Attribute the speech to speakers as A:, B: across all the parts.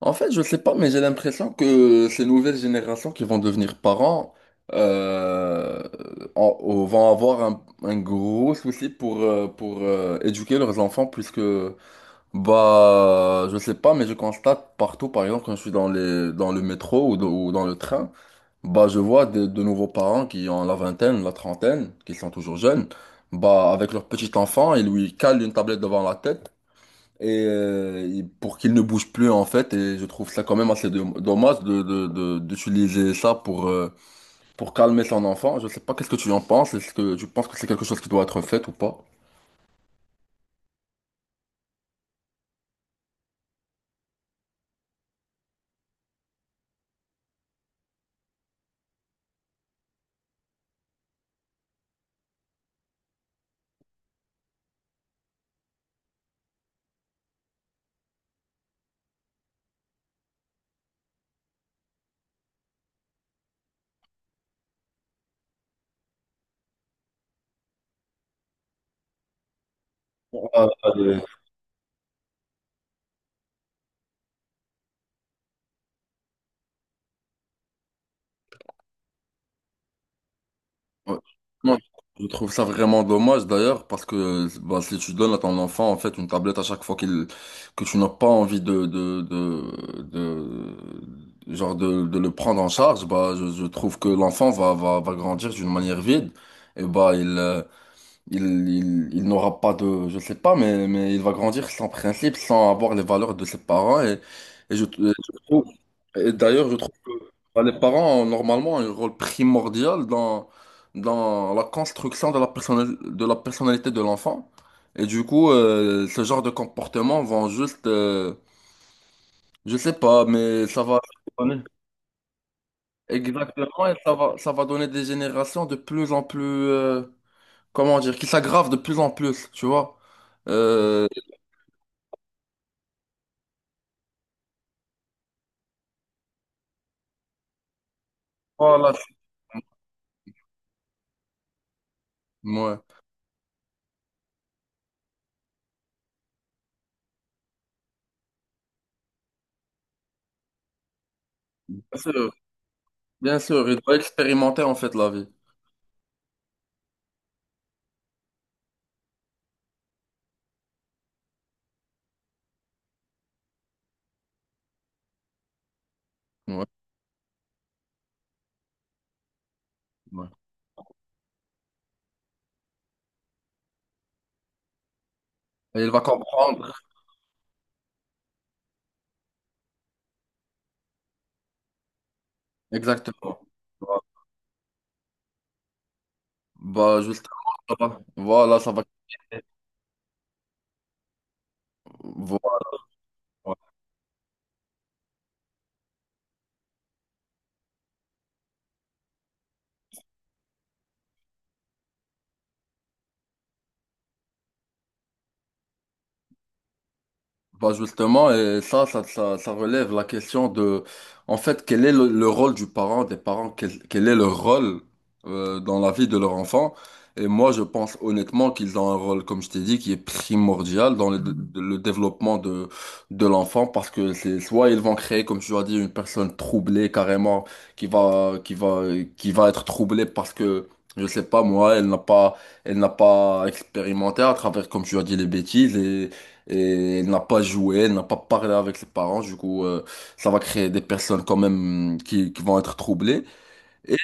A: En fait, je sais pas, mais j'ai l'impression que ces nouvelles générations qui vont devenir parents euh, vont avoir un gros souci pour éduquer leurs enfants, puisque, bah, je sais pas, mais je constate partout, par exemple, quand je suis dans dans le métro ou dans le train, bah, je vois de nouveaux parents qui ont la vingtaine, la trentaine, qui sont toujours jeunes, bah, avec leur petit enfant, ils lui calent une tablette devant la tête et pour qu'il ne bouge plus en fait, et je trouve ça quand même assez dommage d'utiliser ça pour calmer son enfant. Je sais pas qu'est-ce que tu en penses, est-ce que tu penses que c'est quelque chose qui doit être fait ou pas? Euh, euh, ouais. Non, je trouve ça vraiment dommage d'ailleurs, parce que bah, si tu donnes à ton enfant en fait une tablette à chaque fois qu'il que tu n'as pas envie genre de le prendre en charge, bah je trouve que l'enfant va grandir d'une manière vide, et bah Il, il n'aura pas de, je sais pas, mais il va grandir sans principe, sans avoir les valeurs de ses parents. Et je, je trouve, et d'ailleurs, je trouve que bah, les parents ont normalement un rôle primordial dans, dans la construction de la de la personnalité de l'enfant. Et du coup, ce genre de comportement vont juste, je sais pas, mais ça va. Exactement, et ça ça va donner des générations de plus en plus. Comment dire, qui s'aggrave de plus en plus, tu vois. Euh, voilà. Ouais. Bien sûr, bien sûr, il va expérimenter en fait la vie. Ouais, ouais. Et il va comprendre exactement. Voilà. Bah, juste voilà, voilà, ça va. Voilà. Bah justement, et ça, ça relève la question de, en fait, quel est le rôle du parent, des parents, quel est leur rôle dans la vie de leur enfant. Et moi, je pense honnêtement qu'ils ont un rôle, comme je t'ai dit, qui est primordial dans le développement de l'enfant, parce que c'est soit ils vont créer, comme tu as dit, une personne troublée carrément, qui va, qui va, qui va être troublée parce que, je sais pas, moi, elle n'a pas expérimenté à travers, comme tu as dit, les bêtises et elle n'a pas joué, elle n'a pas parlé avec ses parents, du coup, ça va créer des personnes quand même mm, qui vont être troublées. Et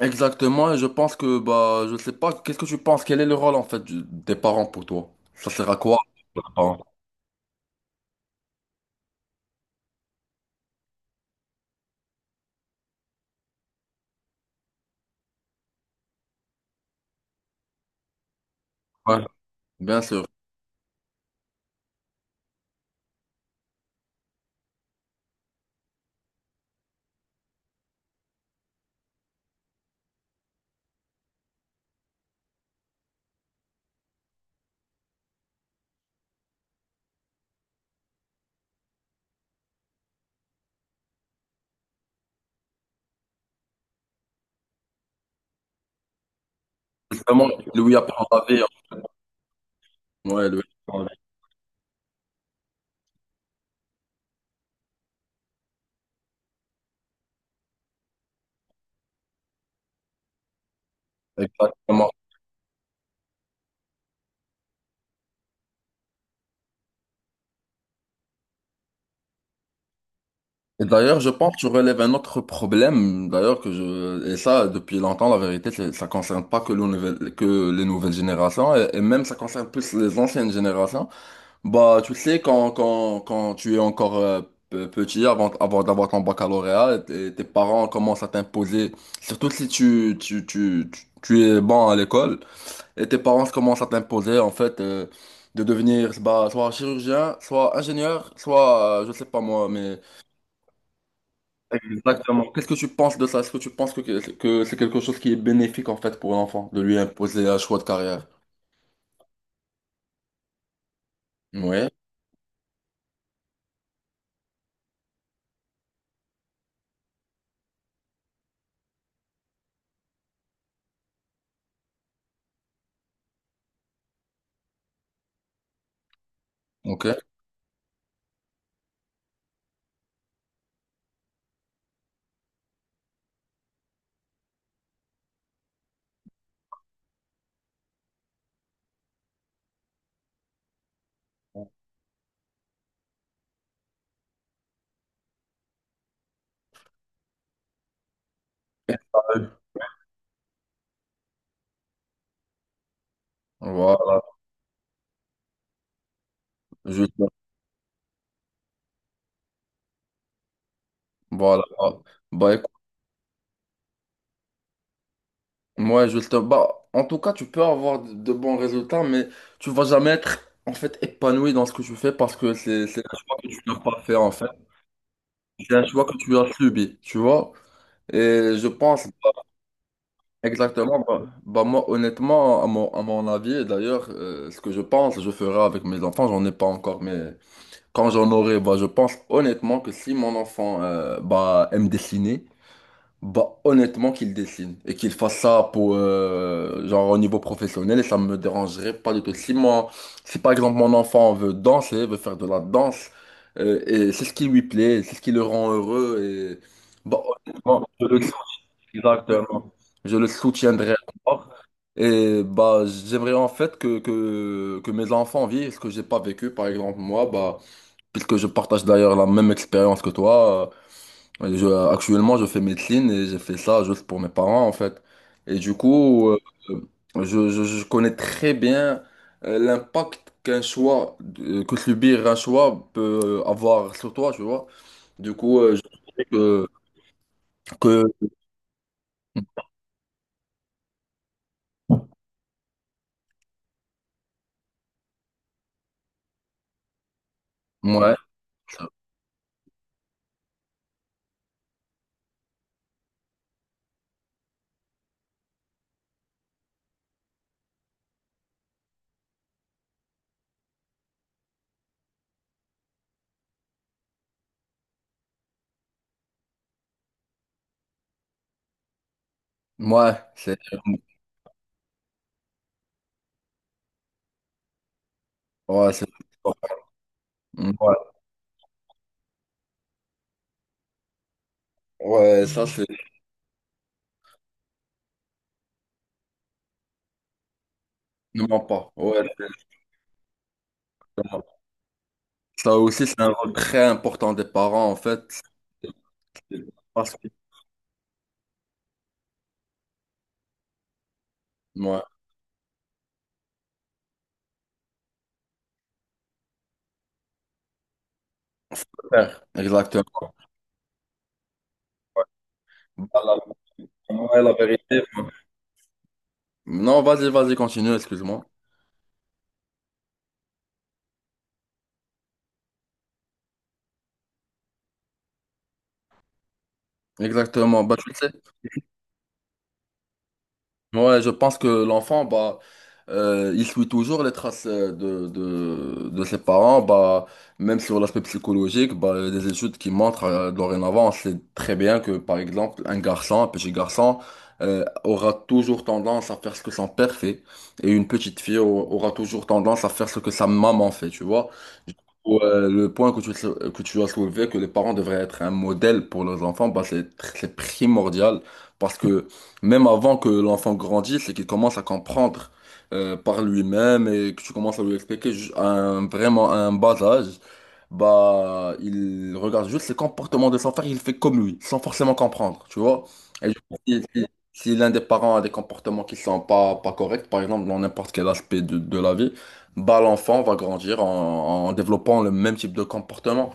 A: exactement, et je pense que, bah, je sais pas, qu'est-ce que tu penses? Quel est le rôle en fait des parents pour toi? Ça sert à quoi, les parents? Ouais, bien sûr. Justement, Louis apprend la vie, hein. Ouais, Louis apprend la vie. Exactement. Et d'ailleurs, je pense que tu relèves un autre problème, d'ailleurs, que je, et ça, depuis longtemps, la vérité, ça concerne pas que, le que les nouvelles générations, et même ça concerne plus les anciennes générations. Bah, tu sais, quand tu es encore petit, avant, avant d'avoir ton baccalauréat, tes parents commencent à t'imposer, surtout si tu es bon à l'école, et tes parents commencent à t'imposer, en fait, de devenir bah, soit chirurgien, soit ingénieur, soit, je sais pas moi, mais... Exactement. Qu'est-ce que tu penses de ça? Est-ce que tu penses que c'est quelque chose qui est bénéfique, en fait, pour l'enfant, de lui imposer un choix de carrière? Oui, ok. Voilà, juste voilà. Bah écoute, moi je te bah, en tout cas, tu peux avoir de bons résultats, mais tu vas jamais être en fait épanoui dans ce que tu fais parce que c'est un choix que tu n'as pas fait en fait. C'est un choix que tu as subi, tu vois. Et je pense bah, exactement, moi honnêtement, à mon avis, et d'ailleurs, ce que je pense, je ferai avec mes enfants, j'en ai pas encore, mais quand j'en aurai, bah, je pense honnêtement que si mon enfant bah, aime dessiner, bah, honnêtement, qu'il dessine et qu'il fasse ça pour, genre, au niveau professionnel, et ça me dérangerait pas du tout. Si moi, si par exemple mon enfant veut danser, veut faire de la danse, et c'est ce qui lui plaît, c'est ce qui le rend heureux, et bah, honnêtement, je le soutiens, exactement. Je le soutiendrai encore. Et bah, j'aimerais en fait que mes enfants vivent ce que j'ai pas vécu, par exemple, moi, bah, puisque je partage d'ailleurs la même expérience que toi. Et actuellement, je fais médecine et j'ai fait ça juste pour mes parents, en fait. Et du coup, je connais très bien l'impact qu'un choix, que subir un choix peut avoir sur toi, tu vois. Du coup, je sais que ouais, ouais, c'est, ouais, c'est, ouais, ouais, ça, c'est, ne mens pas. Ouais, c'est- ça aussi, c'est un rôle très important des parents, en fait. Parce que, ouais, exactement. Voilà. Ouais, la vérité. Non, vas-y, vas-y, continue, excuse-moi. Exactement. Bah, tu sais, ouais, je pense que l'enfant, bah, il suit toujours les traces de ses parents, bah, même sur l'aspect psychologique, bah, il y a des études qui montrent dorénavant, on sait très bien que, par exemple, un garçon, un petit garçon, aura toujours tendance à faire ce que son père fait, et une petite fille aura toujours tendance à faire ce que sa maman fait, tu vois. Du coup, le point que que tu as soulevé, que les parents devraient être un modèle pour leurs enfants, bah, c'est c'est primordial, parce que même avant que l'enfant grandisse et qu'il commence à comprendre par lui-même et que tu commences à lui expliquer vraiment à un bas âge, bah, il regarde juste les comportements de son frère, il fait comme lui, sans forcément comprendre, tu vois. Et du coup, si l'un des parents a des comportements qui sont pas, pas corrects, par exemple, dans n'importe quel aspect de la vie, bah, l'enfant va grandir en, en développant le même type de comportement.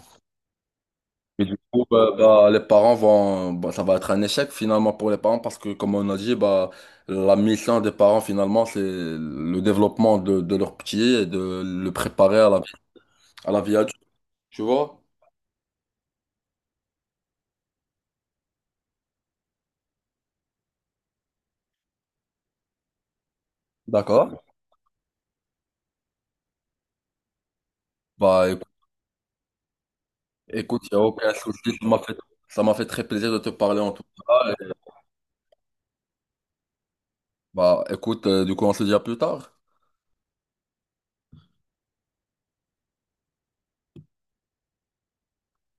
A: Et du coup, les parents vont, bah, ça va être un échec finalement pour les parents parce que, comme on a dit, bah, la mission des parents finalement, c'est le développement de leur petit et de le préparer à la vie adulte, tu vois? D'accord. Bah, écoute, écoute, y a aucun souci, ça m'a fait très plaisir de te parler en tout cas. Et, bah, écoute, du coup, on se dit à plus tard.